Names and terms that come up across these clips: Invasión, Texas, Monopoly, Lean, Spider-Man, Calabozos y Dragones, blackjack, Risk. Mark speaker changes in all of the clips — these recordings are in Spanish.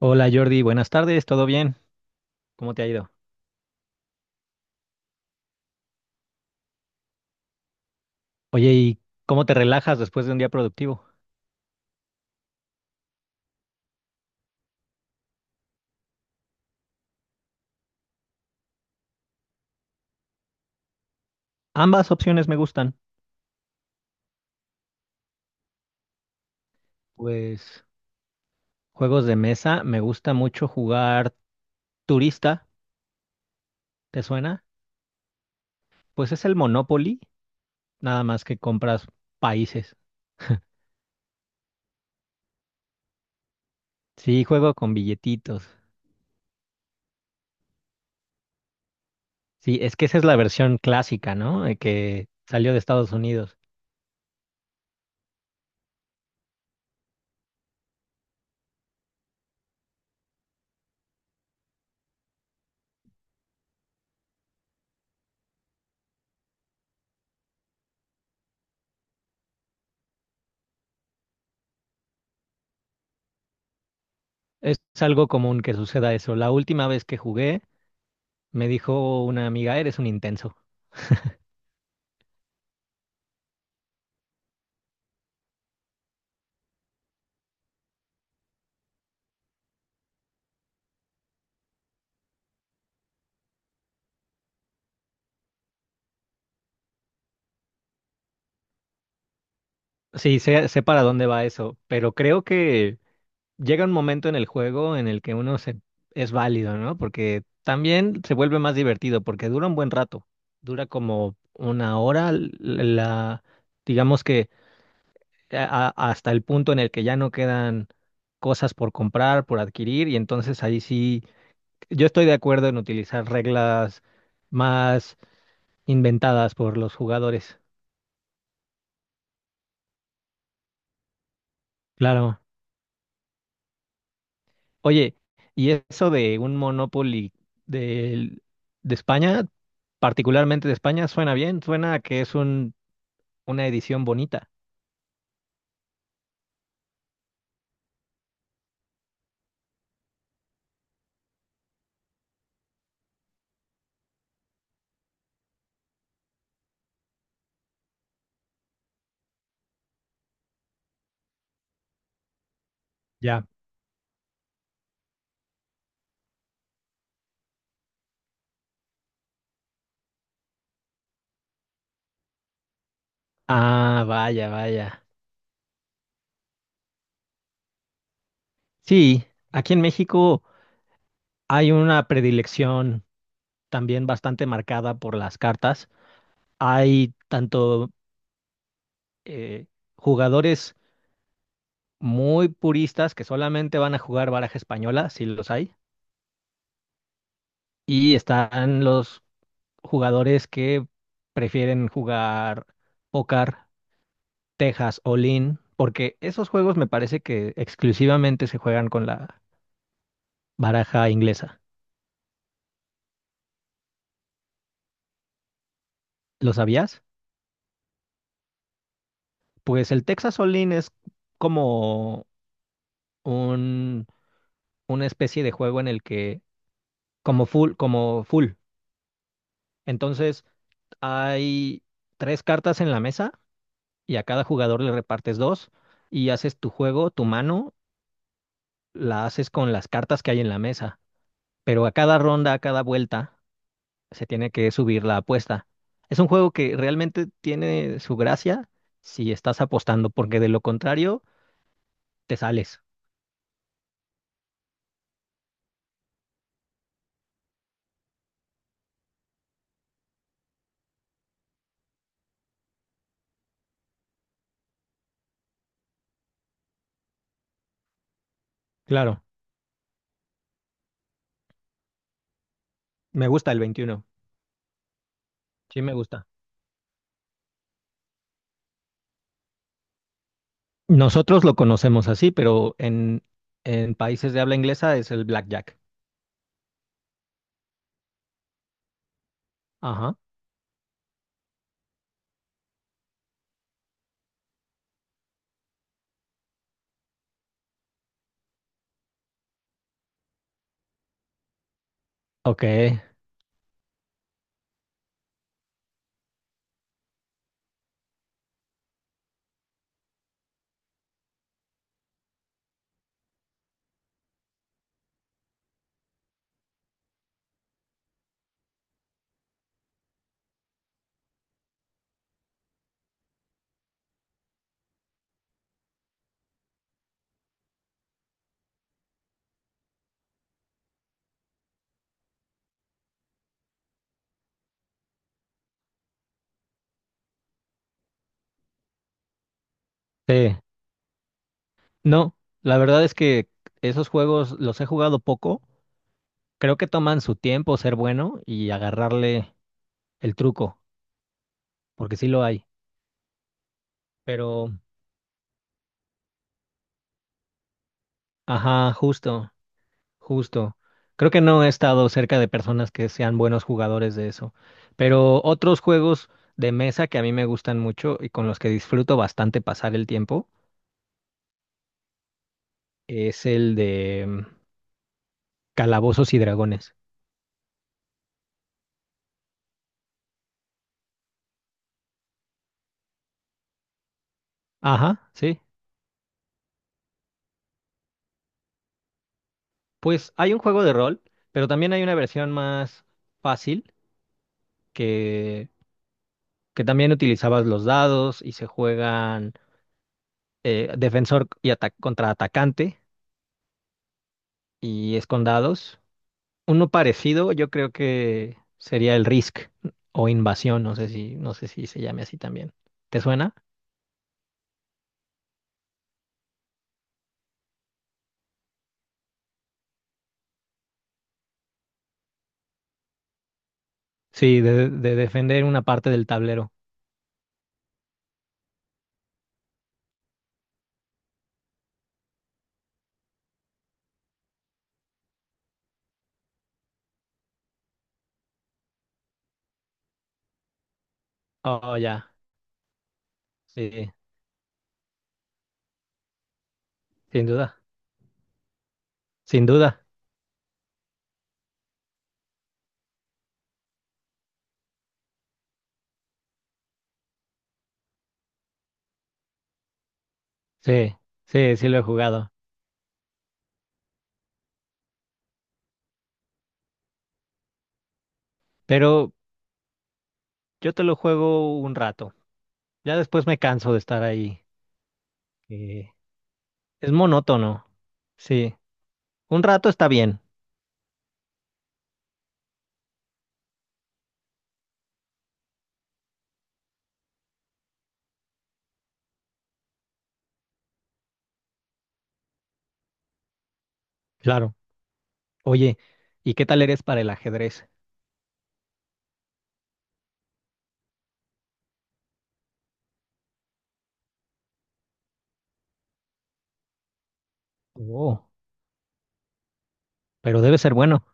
Speaker 1: Hola Jordi, buenas tardes, ¿todo bien? ¿Cómo te ha ido? Oye, ¿y cómo te relajas después de un día productivo? Ambas opciones me gustan. Pues juegos de mesa, me gusta mucho jugar turista, ¿te suena? Pues es el Monopoly, nada más que compras países. Sí, juego con billetitos. Sí, es que esa es la versión clásica, ¿no? De que salió de Estados Unidos. Es algo común que suceda eso. La última vez que jugué, me dijo una amiga, eres un intenso. Sí, sé para dónde va eso, pero creo que llega un momento en el juego en el que es válido, ¿no? Porque también se vuelve más divertido, porque dura un buen rato, dura como una hora, digamos que hasta el punto en el que ya no quedan cosas por comprar, por adquirir, y entonces ahí sí, yo estoy de acuerdo en utilizar reglas más inventadas por los jugadores. Claro. Oye, y eso de un Monopoly del- de España, particularmente de España, suena bien, suena a que es una edición bonita. Ya. Ah, vaya, vaya. Sí, aquí en México hay una predilección también bastante marcada por las cartas. Hay tanto eh, jugadores muy puristas que solamente van a jugar baraja española, si los hay, y están los jugadores que prefieren jugar póker, Texas o Lean, porque esos juegos me parece que exclusivamente se juegan con la baraja inglesa. ¿Lo sabías? Pues el Texas o Lean es como un, una especie de juego en el que, como full, como full. Entonces, hay tres cartas en la mesa y a cada jugador le repartes dos y haces tu juego, tu mano, la haces con las cartas que hay en la mesa, pero a cada ronda, a cada vuelta, se tiene que subir la apuesta. Es un juego que realmente tiene su gracia si estás apostando, porque de lo contrario, te sales. Claro, me gusta el 21, sí me gusta. Nosotros lo conocemos así, pero en países de habla inglesa es el blackjack. Ajá, ok, sí. No, la verdad es que esos juegos los he jugado poco. Creo que toman su tiempo ser bueno y agarrarle el truco, porque sí lo hay. Pero ajá, justo, justo. Creo que no he estado cerca de personas que sean buenos jugadores de eso. Pero otros juegos de mesa que a mí me gustan mucho y con los que disfruto bastante pasar el tiempo es el de Calabozos y Dragones. Ajá, sí. Pues hay un juego de rol, pero también hay una versión más fácil que, que también utilizabas los dados y se juegan defensor y contra atacante y es con dados. Uno parecido, yo creo que sería el Risk o Invasión, no sé si se llame así también. ¿Te suena? Sí, de defender una parte del tablero. Oh, ya. Sí, sin duda. Sin duda. Sí, sí, sí lo he jugado. Pero yo te lo juego un rato. Ya después me canso de estar ahí. Eh, es monótono. Sí. Un rato está bien. Claro. Oye, ¿y qué tal eres para el ajedrez? Oh, pero debe ser bueno.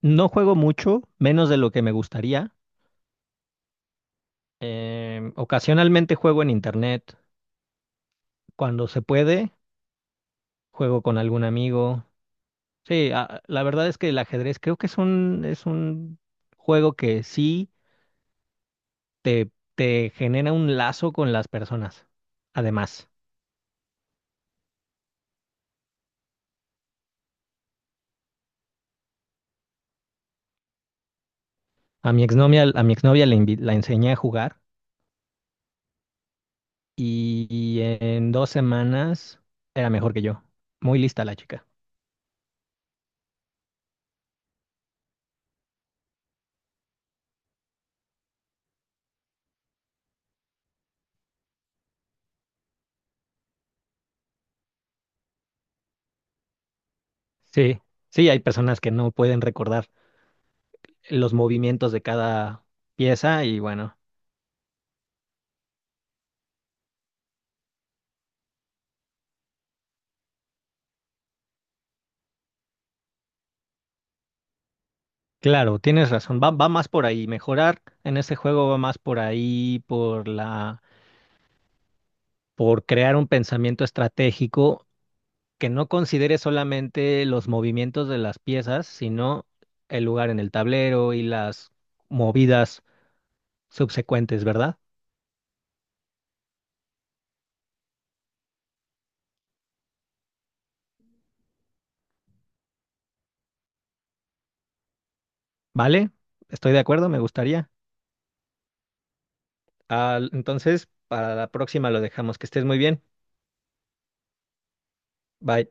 Speaker 1: No juego mucho, menos de lo que me gustaría. Ocasionalmente juego en internet. Cuando se puede, juego con algún amigo. Sí, la verdad es que el ajedrez creo que es es un juego que sí te genera un lazo con las personas. Además, a mi exnovia la enseñé a jugar y en 2 semanas era mejor que yo. Muy lista la chica. Sí, sí, hay personas que no pueden recordar los movimientos de cada pieza y bueno, claro, tienes razón, va más por ahí, mejorar en este juego va más por ahí, por crear un pensamiento estratégico que no considere solamente los movimientos de las piezas, sino el lugar en el tablero y las movidas subsecuentes, ¿verdad? ¿Vale? Estoy de acuerdo, me gustaría. Ah, entonces, para la próxima lo dejamos. Que estés muy bien. Bye.